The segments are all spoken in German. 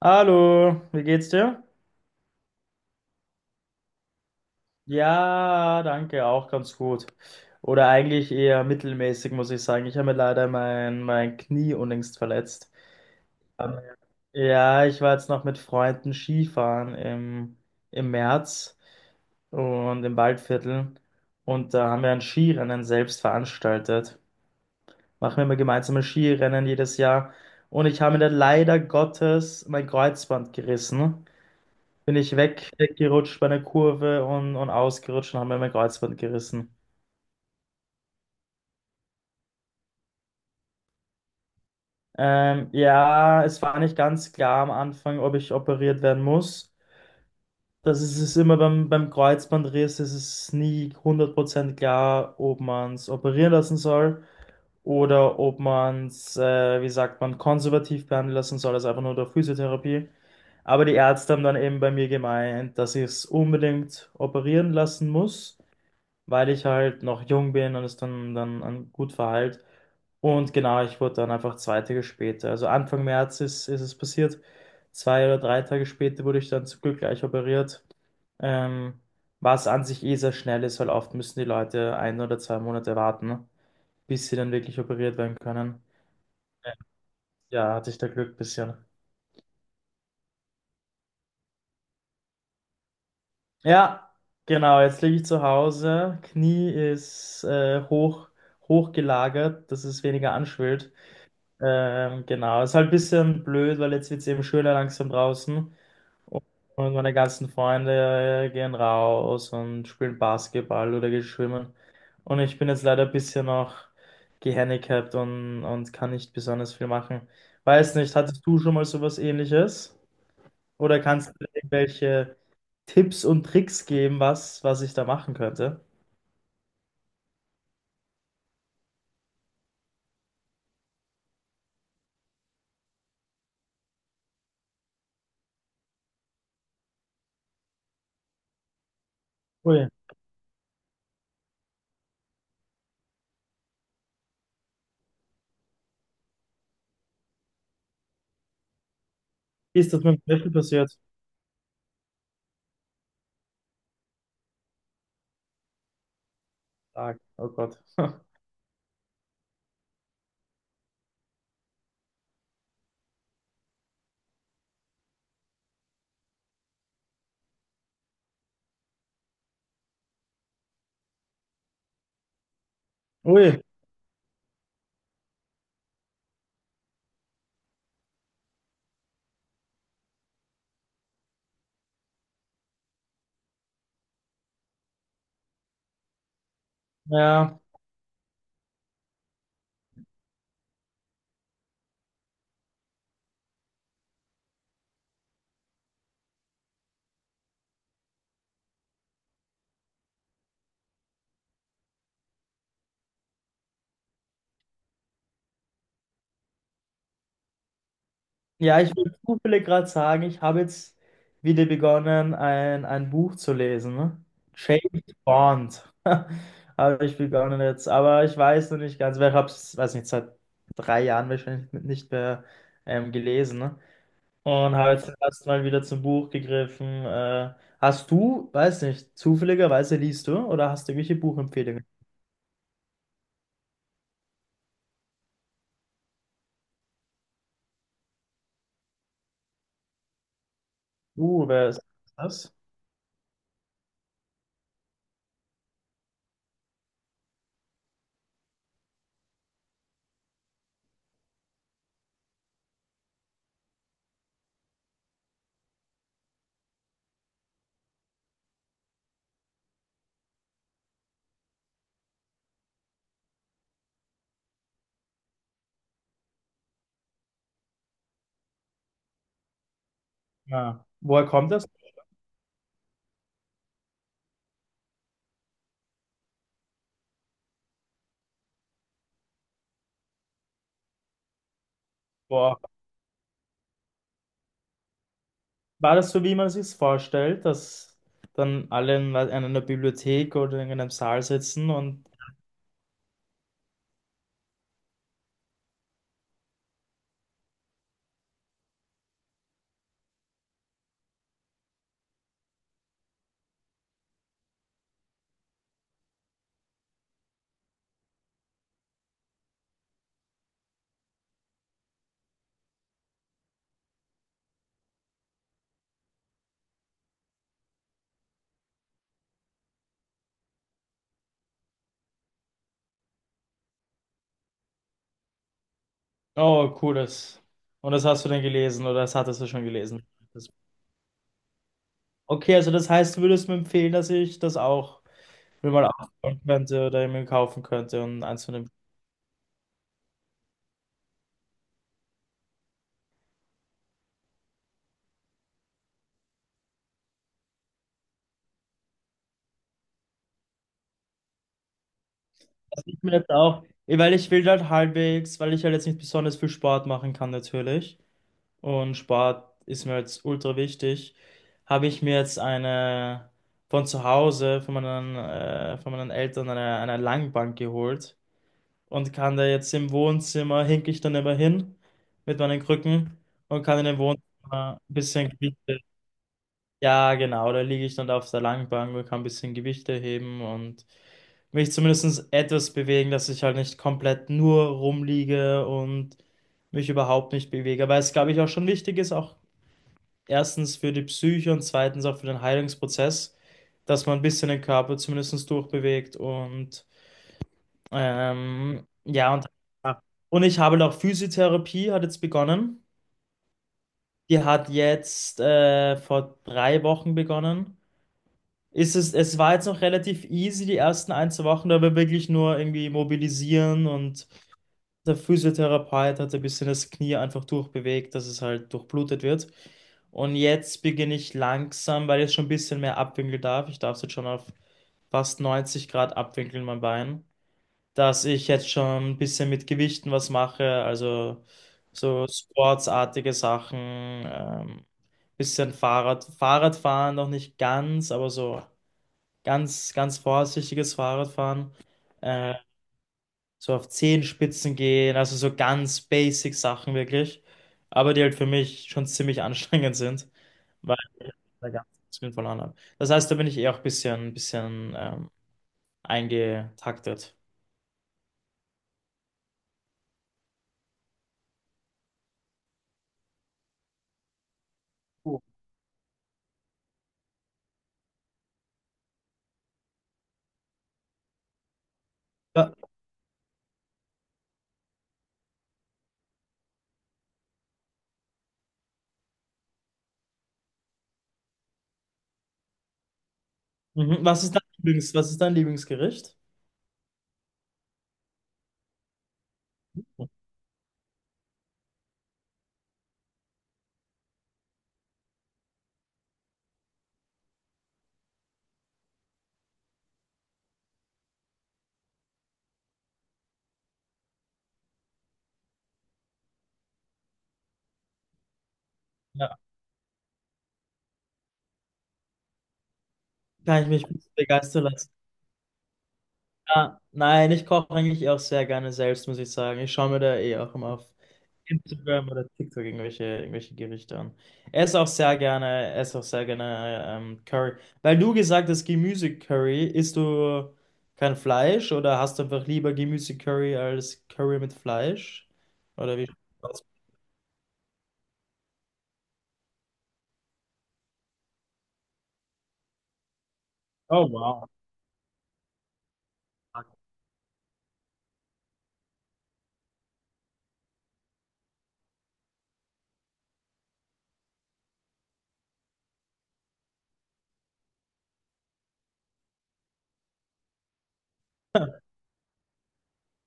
Hallo, wie geht's dir? Ja, danke, auch ganz gut. Oder eigentlich eher mittelmäßig, muss ich sagen. Ich habe mir leider mein Knie unlängst verletzt. Ähm, Ja, ich war jetzt noch mit Freunden Skifahren im März und im Waldviertel. Und da haben wir ein Skirennen selbst veranstaltet. Machen wir immer gemeinsame Skirennen jedes Jahr. Und ich habe mir da leider Gottes mein Kreuzband gerissen. Bin ich weggerutscht bei einer Kurve und ausgerutscht und habe mir mein Kreuzband gerissen. Ja, es war nicht ganz klar am Anfang, ob ich operiert werden muss. Das ist es immer beim Kreuzbandriss, ist es nie 100% klar, ob man es operieren lassen soll oder ob man es, wie sagt man, konservativ behandeln lassen soll, also einfach nur durch Physiotherapie. Aber die Ärzte haben dann eben bei mir gemeint, dass ich es unbedingt operieren lassen muss, weil ich halt noch jung bin und es dann gut war halt. Und genau, ich wurde dann einfach 2 Tage später, also Anfang März ist es passiert. 2 oder 3 Tage später wurde ich dann zum Glück gleich operiert. Ähm, Was an sich eh sehr schnell ist, weil oft müssen die Leute 1 oder 2 Monate warten, ne, bis sie dann wirklich operiert werden können. Ja, hatte ich da Glück bisschen. Ja, genau, jetzt liege ich zu Hause. Knie ist hoch, hochgelagert, dass es weniger anschwillt. Genau, ist halt ein bisschen blöd, weil jetzt wird es eben schöner langsam draußen. Und meine ganzen Freunde gehen raus und spielen Basketball oder gehen schwimmen. Und ich bin jetzt leider ein bisschen noch gehandicapt und kann nicht besonders viel machen. Weiß nicht, hattest du schon mal sowas Ähnliches? Oder kannst du mir irgendwelche Tipps und Tricks geben, was ich da machen könnte? Ui, ist das mit dem Löffel passiert? Stark. Oh Gott. Ui, ja. Ja, ich will zufällig gerade sagen, ich habe jetzt wieder begonnen, ein Buch zu lesen, ne? James Bond. Habe ich begonnen jetzt. Aber ich weiß noch nicht ganz, weil ich habe es, weiß nicht, seit 3 Jahren wahrscheinlich nicht mehr gelesen. Ne? Und habe jetzt erst mal wieder zum Buch gegriffen. Hast du, weiß nicht, zufälligerweise liest du oder hast du irgendwelche Buchempfehlungen? Wer ist das? Ja. Woher kommt das? Boah. War das so, wie man sich vorstellt, dass dann alle in einer Bibliothek oder in einem Saal sitzen und oh, cool, das. Und das hast du denn gelesen oder das hattest du schon gelesen? Das, okay, also das heißt, du würdest mir empfehlen, dass ich das auch mir mal aufbauen könnte oder mir kaufen könnte und eins von dem. Also ich mir jetzt auch, weil ich will halt halbwegs, weil ich halt jetzt nicht besonders viel Sport machen kann natürlich, und Sport ist mir jetzt ultra wichtig, habe ich mir jetzt eine von zu Hause, von von meinen Eltern, eine Langbank geholt und kann da jetzt im Wohnzimmer, hinke ich dann immer hin mit meinen Krücken und kann in dem Wohnzimmer ein bisschen Gewichte, ja genau, da liege ich dann auf der Langbank und kann ein bisschen Gewichte heben und mich zumindest etwas bewegen, dass ich halt nicht komplett nur rumliege und mich überhaupt nicht bewege, weil es, glaube ich, auch schon wichtig ist, auch erstens für die Psyche und zweitens auch für den Heilungsprozess, dass man ein bisschen den Körper zumindest durchbewegt und, und ich habe auch Physiotherapie hat jetzt begonnen. Die hat jetzt vor 3 Wochen begonnen. Es war jetzt noch relativ easy, die ersten 2 Wochen, da wir wirklich nur irgendwie mobilisieren und der Physiotherapeut hat ein bisschen das Knie einfach durchbewegt, dass es halt durchblutet wird. Und jetzt beginne ich langsam, weil ich jetzt schon ein bisschen mehr abwinkeln darf. Ich darf es jetzt schon auf fast 90 Grad abwinkeln, mein Bein. Dass ich jetzt schon ein bisschen mit Gewichten was mache, also so sportsartige Sachen, bisschen Fahrradfahren noch nicht ganz, aber so ganz vorsichtiges Fahrradfahren. äh, so auf Zehenspitzen gehen, also so ganz basic Sachen wirklich, aber die halt für mich schon ziemlich anstrengend sind, weil ich da ganz viel verloren habe. Das heißt, da bin ich eh auch ein ein bisschen eingetaktet. Oh. Wa- mhm. Was ist dein was ist dein Lieblingsgericht? Ja, kann ich mich ein bisschen begeistern lassen. Ah, nein, ich koche eigentlich auch sehr gerne selbst, muss ich sagen. Ich schaue mir da eh auch immer auf Instagram oder TikTok irgendwelche Gerichte an. Ess auch sehr gerne, ess auch sehr gerne Curry. Weil du gesagt hast, Gemüse-Curry, isst du kein Fleisch oder hast du einfach lieber Gemüse-Curry als Curry mit Fleisch? Oder wie? Oh, wow.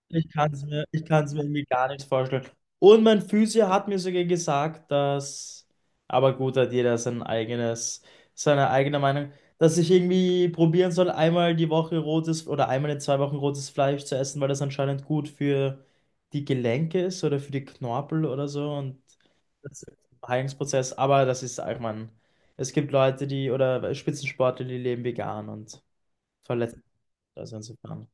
Ich kann es mir, ich kann es mir irgendwie gar nicht vorstellen. Und mein Physio hat mir sogar gesagt, dass, aber gut, hat jeder sein eigenes, seine eigene Meinung, dass ich irgendwie probieren soll, einmal die Woche rotes oder einmal in 2 Wochen rotes Fleisch zu essen, weil das anscheinend gut für die Gelenke ist oder für die Knorpel oder so und das ist ein Heilungsprozess. Aber das ist, ich meine, es gibt Leute, die oder Spitzensportler, die leben vegan und verletzen. Also insofern.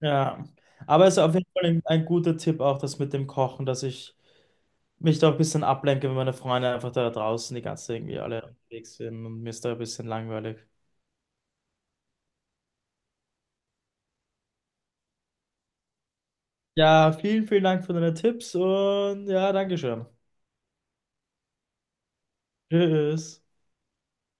Ja, aber es ist auf jeden Fall ein guter Tipp auch, das mit dem Kochen, dass ich mich da ein bisschen ablenke, wenn meine Freunde einfach da draußen die ganze Zeit irgendwie alle unterwegs sind und mir ist da ein bisschen langweilig. Ja, vielen Dank für deine Tipps und ja, Dankeschön. Tschüss.